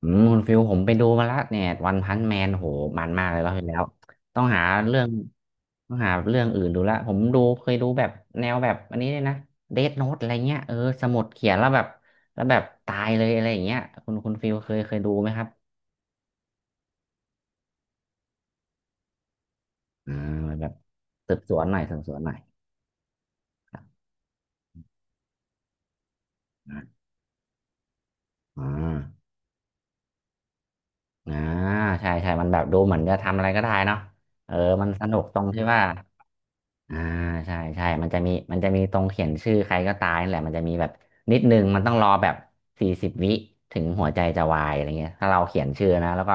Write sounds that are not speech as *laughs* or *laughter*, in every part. อืมคุณฟิลผมไปดูมาละเนี่ยวันพันแมนโหมันมากเลยรอบที่แล้วต้องหาเรื่องต้องหาเรื่องอื่นดูละผมดูเคยดูแบบแนวแบบอันนี้เลยนะเดธโน้ตอะไรเงี้ยเออสมุดเขียนแล้วแบบแล้วแบบตายเลยอะไรอย่างเงี้ยคุณฟิลเคยดูไหมครับอ่าแบบสืบสวนหน่อยสืบสวนหน่อยอ่าอ่าอ่าใช่ใช่มันแบบดูเหมือนจะทำอะไรก็ได้เนาะเออมันสนุกตรงที่ว่า อ่าใช่ใช่มันจะมีมันจะมีตรงเขียนชื่อใครก็ตายนั่นแหละมันจะมีแบบนิดนึงมันต้องรอแบบสี่สิบวิถึงหัวใจจะวายอะไรเงี้ยถ้าเราเขียนชื่อนะแล้วก็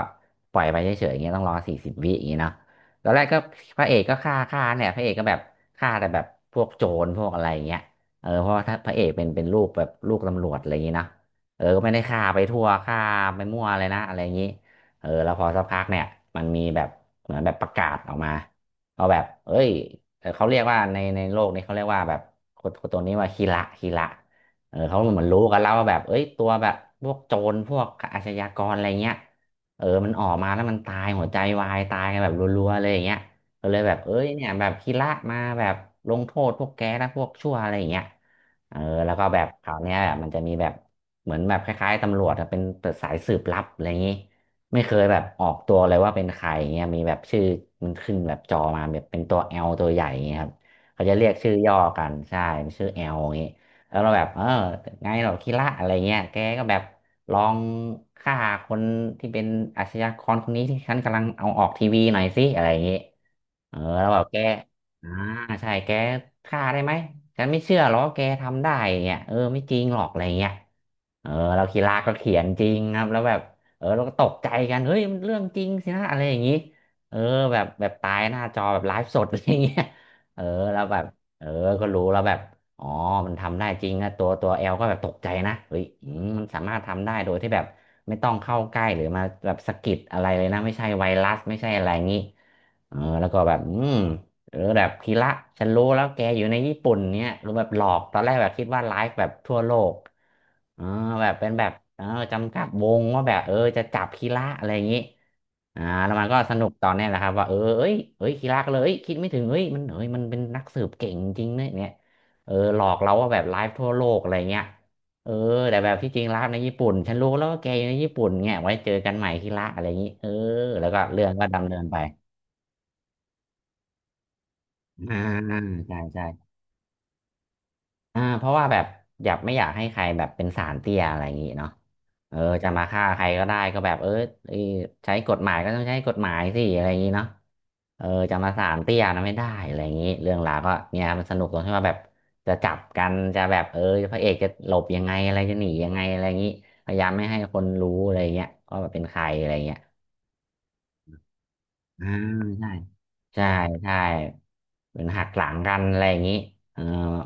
ปล่อยไปเฉยๆอย่างเงี้ยต้องรอสี่สิบวิอย่างเงี้ยเนาะตอนแรกก็พระเอกก็ฆ่าเนี่ยพระเอกก็แบบฆ่าแต่แบบพวกโจรพวกอะไรเงี้ยเออเพราะว่าถ้าพระเอกเป็นลูกแบบลูกตำรวจอะไรอย่างงี้เนาะเออก็ไม่ได้ฆ่าไปทั่วฆ่าไปมั่วเลยนะอะไรอย่างงี้เออแล้วพอสักพักเนี่ยมันมีแบบเหมือนแบบประกาศออกมา เอาแบบเอ้ยเขาเรียกว่าในโลกนี้เขาเรียกว่าแบบคนตัวนี้ว่าคีระเออเขาเหมือนรู้กันแล้วว่าแบบเอ้ยตัวแบบพวกโจรพวกอาชญากรอะไรเงี้ยเออมันออกมาแล้วมันตายหัวใจวายตายกันแบบรัวๆเลยอย่างเงี้ยก็เลยแบบเอ้ยเนี่ยแบบคีระมาแบบลงโทษพวกแกและพวกชั่วอะไรอย่างเงี้ยเออแล้วก็แบบคราวเนี้ยแบบมันจะมีแบบเหมือนแบบคล้ายๆตำรวจอะเป็นสายสืบลับอะไรอย่างงี้ ไม่เคยแบบออกตัวเลยว่าเป็นใครเงี้ยมีแบบชื่อมันขึ้นแบบจอมาแบบเป็นตัวเอลตัวใหญ่เงี้ยครับเขาจะเรียกชื่อย่อกันใช่มันชื่อเอลอย่างงี้แล้วเราแบบเออไงหรอคิระอะไรเงี้ยแกก็แบบลองฆ่าคนที่เป็นอาชญากรคนนี้ที่ฉันกำลังเอาออกทีวีหน่อยสิอะไรอย่างงี้ เออแล้วแบบแกอ่าใช่แกฆ่าได้ไหมฉันไม่เชื่อหรอกแกทำได้เนี่ยเออไม่จริงหรอกอะไรเงี้ยเออเราคีราก็เขียนจริงครับแล้วแบบเออเราก็ตกใจกันเฮ้ยมันเรื่องจริงสินะอะไรอย่างงี้เออแบบแบบตายหน้าจอแบบไลฟ์สด *laughs* อะไรเงี้ยเออแล้วแบบเออก็รู้แล้วแบบอ๋อมันทำได้จริงนะตัวแอลก็แบบตกใจนะเฮ้ยอืมมันสามารถทำได้โดยที่แบบไม่ต้องเข้าใกล้หรือมาแบบสะกิดอะไรเลยนะไม่ใช่ไวรัสไม่ใช่อะไรอย่างงี้ เออแล้วก็แบบอืมหรือแบบพีระฉันรู้แล้วแกอยู่ในญี่ปุ่นเนี้ยหรือแบบหลอกตอนแรกแบบคิดว่าไลฟ์แบบทั่วโลกเออแบบเป็นแบบเออจำกัดวงว่าแบบเออจะจับพีระอะไรอย่างนี้อ่าแล้วมันก็สนุกตอนเนี้ยแหละครับว่าเออเอ้ยเอ้ยพีระก็เลยเอ้ยคิดไม่ถึงเอ้ยมันเอ้ยมันเป็นนักสืบเก่งจริงเนี่ยเนี่ยเออหลอกเราว่าแบบไลฟ์ทั่วโลกอะไรเงี้ยเออแต่แบบที่จริงแล้วในญี่ปุ่นฉันรู้แล้วว่าแกอยู่ในญี่ปุ่นเนี่ยไว้เจอกันใหม่ที่ละอะไรอย่างนี้เออแล้วก็เรื่องก็ดำเนินไป อ่าใช่ใช่อ่าเพราะว่าแบบอยากไม่อยากให้ใครแบบเป็นสารเตี้ยอะไรอย่างงี้เนาะเออจะมาฆ่าใครก็ได้ก็แบบเออเอ้ยใช้กฎหมายก็ต้องใช้กฎหมายสิอะไรอย่างงี้เนาะเออจะมาสารเตี้ยนะไม่ได้อะไรอย่างงี้เรื่องราวก็เนี่ยมันสนุกตรงที่ว่าแบบจะจับกันจะแบบเออพระเอกจะหลบยังไงอะไรจะหนียังไงอะไรอย่างงี้พยายามไม่ให้คนรู้อะไรอย่างเงี้ยว่าแบบเป็นใครอะไรอย่างเงี้ย อ่าใช่ใช่ใช่เหมือนหักหลังกันอะไรอย่างนี้เออ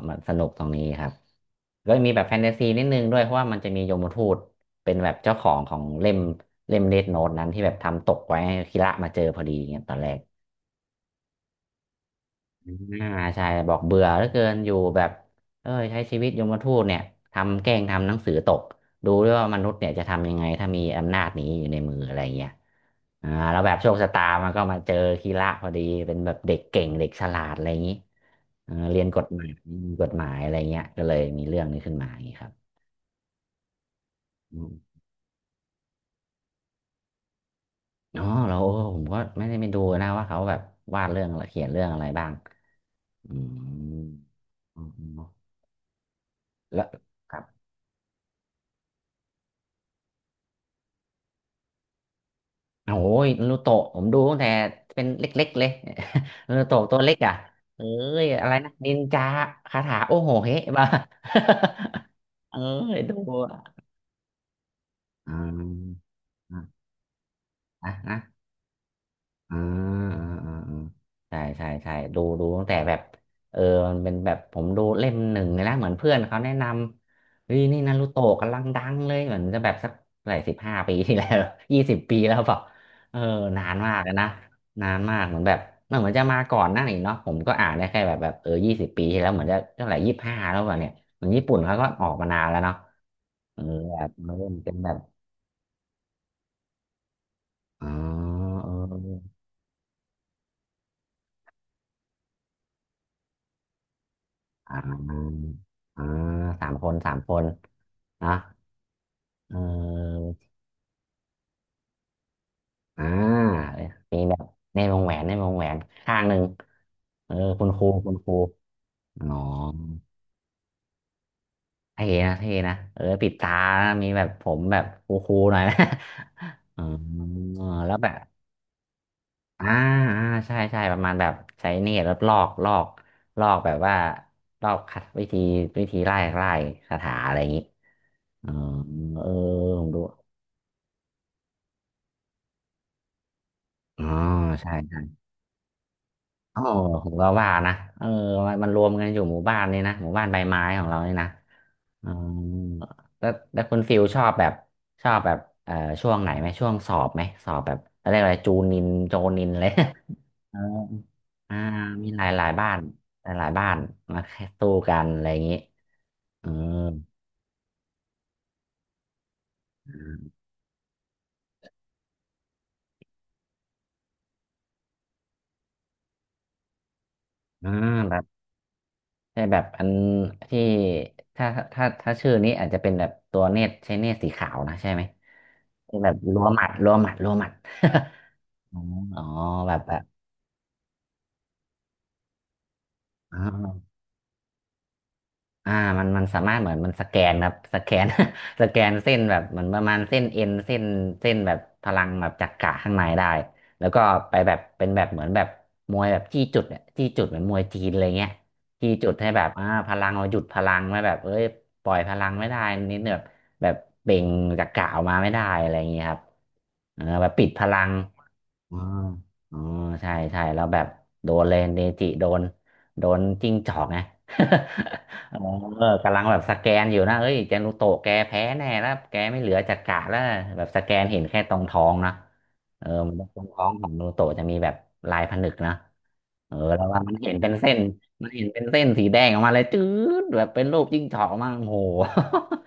มันสนุกตรงนี้ครับก็มีแบบแฟนตาซีนิดนึงด้วยเพราะว่ามันจะมียมทูตเป็นแบบเจ้าของของเล่มเล่มเดธโน้ตนั้นที่แบบทำตกไว้ให้คีระมาเจอพอดีเงี้ยตอนแรก อ่าใช่บอกเบื่อเหลือเกินอยู่แบบเอ้ยใช้ชีวิตยมทูตเนี่ยทำแกล้งทำหนังสือตกดูด้วยว่ามนุษย์เนี่ยจะทำยังไงถ้ามีอำนาจนี้อยู่ในมืออะไรเงี้ยแล้วแบบโชคชะตามันก็มาเจอคีระพอดีเป็นแบบเด็กเก่งเด็กฉลาดอะไรอย่างนี้เออเรียนกฎหมายมีกฎหมายอะไรเงี้ยก็เลยมีเรื่องนี้ขึ้นมาอย่างนี้ครับอืมอ๋อแล้วผมก็ไม่ได้ไปดูนะว่าเขาแบบวาดเรื่องอะไรเขียนเรื่องอะไรบ้างอืมอืมอืมแล้ว โอ้ยนารูโตะผมดูตั้งแต่เป็นเล็กๆเลย *laughs* นารูโตะตัวเล็กอ่ะเอ้ยอะไรนะนินจาคาถา โอ้โหเฮ้มา *laughs* เอ้ยดูอะอ่าอ่ะนะ อ่าอ่าอ่าอ่าใช่ใช่ใช่ดูตั้งแต่แบบเออมันเป็นแบบผมดูเล่มหนึ่งเลยนะเหมือนเพื่อนเขาแนะนำเฮ้ยนี่นารูโตะกำลังดังเลยเหมือนจะแบบสักหลาย15 ปีที่แล้ว *laughs* 20 ปีแล้วเปล่าเออนานมากเลยนะนานมากเหมือนแบบมันเหมือนจะมาก่อนหน้านี้เนาะผมก็อ่านได้แค่แบบเออยี่สิบปีที่แล้วเหมือนจะเท่าไหร่25แล้วเปล่าเนี่ยเหมือนญี่ปุ่นเขาก็ออกมานานแล้วเนาะเออแบบมันเริ่มเป็นแบบอ๋อเออ อ่าเออสามคนสามคนนะเอออ่ามีแบบในวงแหวนในวงแหวนข้างหนึ่งเออคุณครูคุณครูอ๋อเท่นะเท่นะเออปิดตานะมีแบบผมแบบคูคูหน่อยนะ *laughs* อ๋อแล้วแบบอ่าใช่ใช่ประมาณแบบใช้เนตรแล้วลอกลอกลอกแบบว่าลอกคัดวิธีวิธีไล่ไล่คาถาอะไรอย่างนี้อ๋อเออผมดู อ๋อใช่ใช่โอ้ผมก็ว่านะเออมันรวมกันอยู่หมู่บ้านนี่นะหมู่บ้านใบไม้ของเรานี่นะอ๋อแล้วคุณฟิลชอบแบบชอบแบบเอ่อช่วงไหนไหมช่วงสอบไหมสอบแบบอะไรยกอะไรจูนินโจนินเลย *laughs* เอออ่ามีหลายหลายบ้านหลายหลายบ้านมาแค่สู้กันอะไรอย่างนี้เอออ่า ใช่แบบอันที่ถ้าถ้าชื่อนี้อาจจะเป็นแบบตัวเนตรใช้เนตรสีขาวนะใช่ไหมเป็นแบบรัวหมัดรัวหมัดรัวหมัด *laughs* อ๋ออ๋อแบบแบบอ๋อ อ่ามันสามารถเหมือนมันสแกนครับสแกน *laughs* สแกนเส้นแบบเหมือนประมาณเส้นเอ็นเส้นเส้นแบบพลังแบบจักระข้างในได้แล้วก็ไปแบบเป็นแบบเหมือนแบบมวยแบบจี้จุดเนี่ยจี้จุดเหมือนมวยจีนอะไรเงี้ยจี้จุดให้แบบพลังเราหยุดพลังไว้แบบเอ้ยปล่อยพลังไม่ได้นิดแบบแบบเบ่งจักระออกมาไม่ได้อะไรอย่างเงี้ยครับเออแบบปิดพลัง อ๋ออ๋อใช่ใช่แล้วแบบโดนเลยเนจิโดนโดนจิ้งจอกไง *laughs* เออกำลังแบบสแกนอยู่นะเอ้ยเจนุโตะแกแพ้แน่แล้วแกไม่เหลือจักระแล้วแบบสแกนเห็นแค่ตรงท้องนะเออมันตรงท้องของเจนุโตะจะมีแบบลายผนึกนะเออแล้วว่ามันเห็นเป็นเส้นมันเห็นเป็นเส้นสีแดงออกมาเลยจืดแบบเป็นรูปจิ้งจอกออกมาโอ้โห *laughs*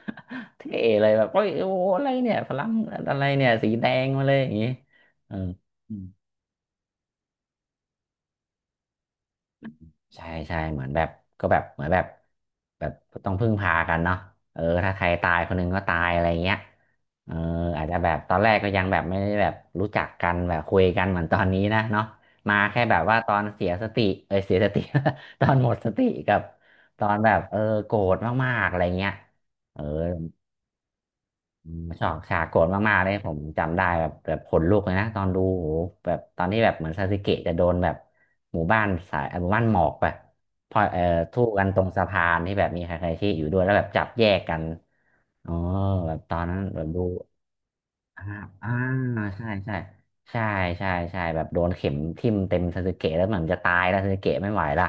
เท่เลยแบบโอ้ยโอ้โหอะไรเนี่ยพลังอะไรเนี่ยสีแดงมาเลยอย่างงี้เออ อืมใช่ใช่เหมือนแบบก็แบบเหมือนแบบแบบต้องพึ่งพากันเนาะเออถ้าใครตายคนหนึงก็ตายอะไรเงี้ยเอออาจจะแบบตอนแรกก็ยังแบบไม่ได้แบบรู้จักกันแบบคุยกันเหมือนตอนนี้นะเนาะมาแค่แบบว่าตอนเสียสติเออเสียสติ *laughs* ตอนหมดสติกับตอนแบบเออโกรธมากๆอะไรเงี้ยเออ อืมชฉากโกรธมากๆเลยผมจำได้แบบแบบขนลุกเลยนะตอนดูโหแบบตอนที่แบบเหมือนซาสึเกะจะโดนแบบหมู่บ้านสายหมู่บ้านหมอกแบบพอทู่กันตรงสะพานที่แบบมีใครๆที่อยู่ด้วยแล้วแบบจับแยกกันอ๋อแบบตอนนั้นแบบดู อ่าอ่าใช่ใช่ใช่ใช่ใช่แบบโดนเข็มทิ่มเต็มซาสึเกะแล้วเหมือนจะตายแล้วซาสึเกะไม่ไหวละ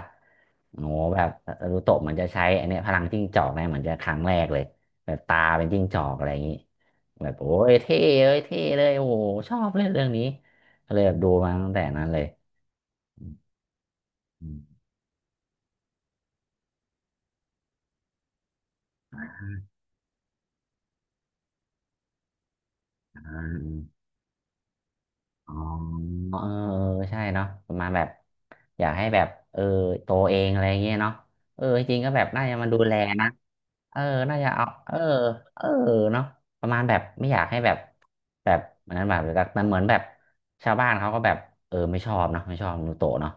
โอ้โหแบบนารูโตะเหมันจะใช้อันเนี้ยพลังจิ้งจอกเนี่ยเหมือนจะครั้งแรกเลยแบบตาเป็นจิ้งจอกอะไรอย่างนี้แบบโอ้ยเท่เลยเท่เลยโอ้โหชอบเล่นเรื่องนี้ก็เลยแบบดูมาตั้งแต่นั้นเลยอืมอ่า อ๋อเออเออใช่เนาะประมาณแบบอยากให้แบบเออโตเองอะไรเงี้ยเนาะเออจริงๆก็แบบน่าจะมาดูแลนะเออน่าจะเอาเออเออเนาะประมาณแบบไม่อยากให้แบบแบบเหมือนแบบแต่เหมือนแบบชาวบ้านเขาก็แบบเออไม่ชอบเนาะไม่ชอบนูโตะเนาะ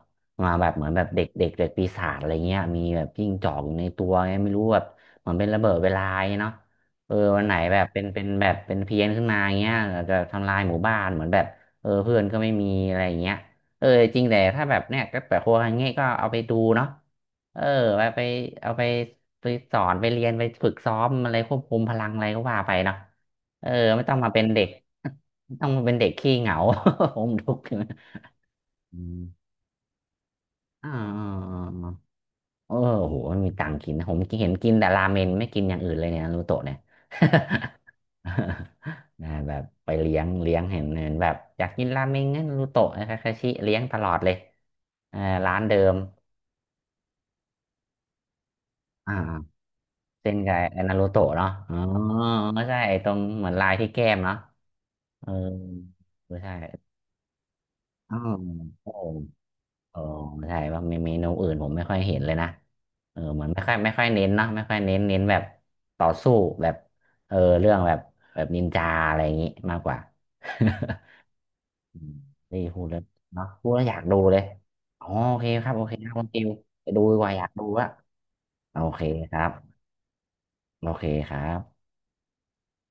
มาแบบเหมือนแบบเด็กเด็กเด็กปีศาจอะไรเงี้ยมีแบบจิ้งจอกอยู่ในตัวไงไม่รู้แบบเหมือนเป็นระเบิดเวลาไงเนาะเออวันไหนแบบเป็นเป็นแบบเป็นเพี้ยนขึ้นมาอย่างเงี้ยอาจจะทำลายหมู่บ้านเหมือนแบบ เออเพื่อนก็ไม่มีอะไรอย่างเงี้ยเออจริงแต่ถ้าแบบเนี้ยก็แบบโครัวอย่างเงี้ยก็เอาไปดูเนาะเออไปไปเอาไปไปสอนไปเรียนไปฝึกซ้อมอะไรควบคุมพลังอะไรก็ว่าไปเนาะเออไม่ต้องมาเป็นเด็ก *laughs* ไม่ต้องมาเป็นเด็กขี้เหงา *laughs* ผมทุกข์อยู่นะอืมอ่าเอาอโอ้โหมันมีตังค์กินนะผมเห็นกินแต่ราเมนไม่กินอย่างอื่นเลยเนี่ยนารูโตะเนี่ย *laughs* *laughs* นะแบบไปเลี้ยงเลี้ยงเห็นเห็นแบบอยากกินราเมงงั้นรูโตะนะคาคาชิเลี้ยงตลอดเลยเออร้านเดิมอ่าเส้นกับไอ้นารูโตะเนาะอ๋อไม่ใช่ไอ้ตรงเหมือนลายที่แก้มเนาะเออไม่ใช่อ๋อโอ้โอ้ใช่ว่ามีเมนูอื่นผมไม่ค่อยเห็นเลยนะเออเหมือนไม่ค่อยเน้นเนาะไม่ค่อยเน้นเน้นแบบต่อสู้แบบเออเรื่องแบบแบบนินจาอะไรอย่างงี้มากกว่า *laughs* อืมนี่พูดแล้วเนาะพูดแล้วอยากดูเลยอ๋อโอเคครับโอเคครับคุณติวไปดูดีกว่าอยากดูอะโอเคครับโอเคครับ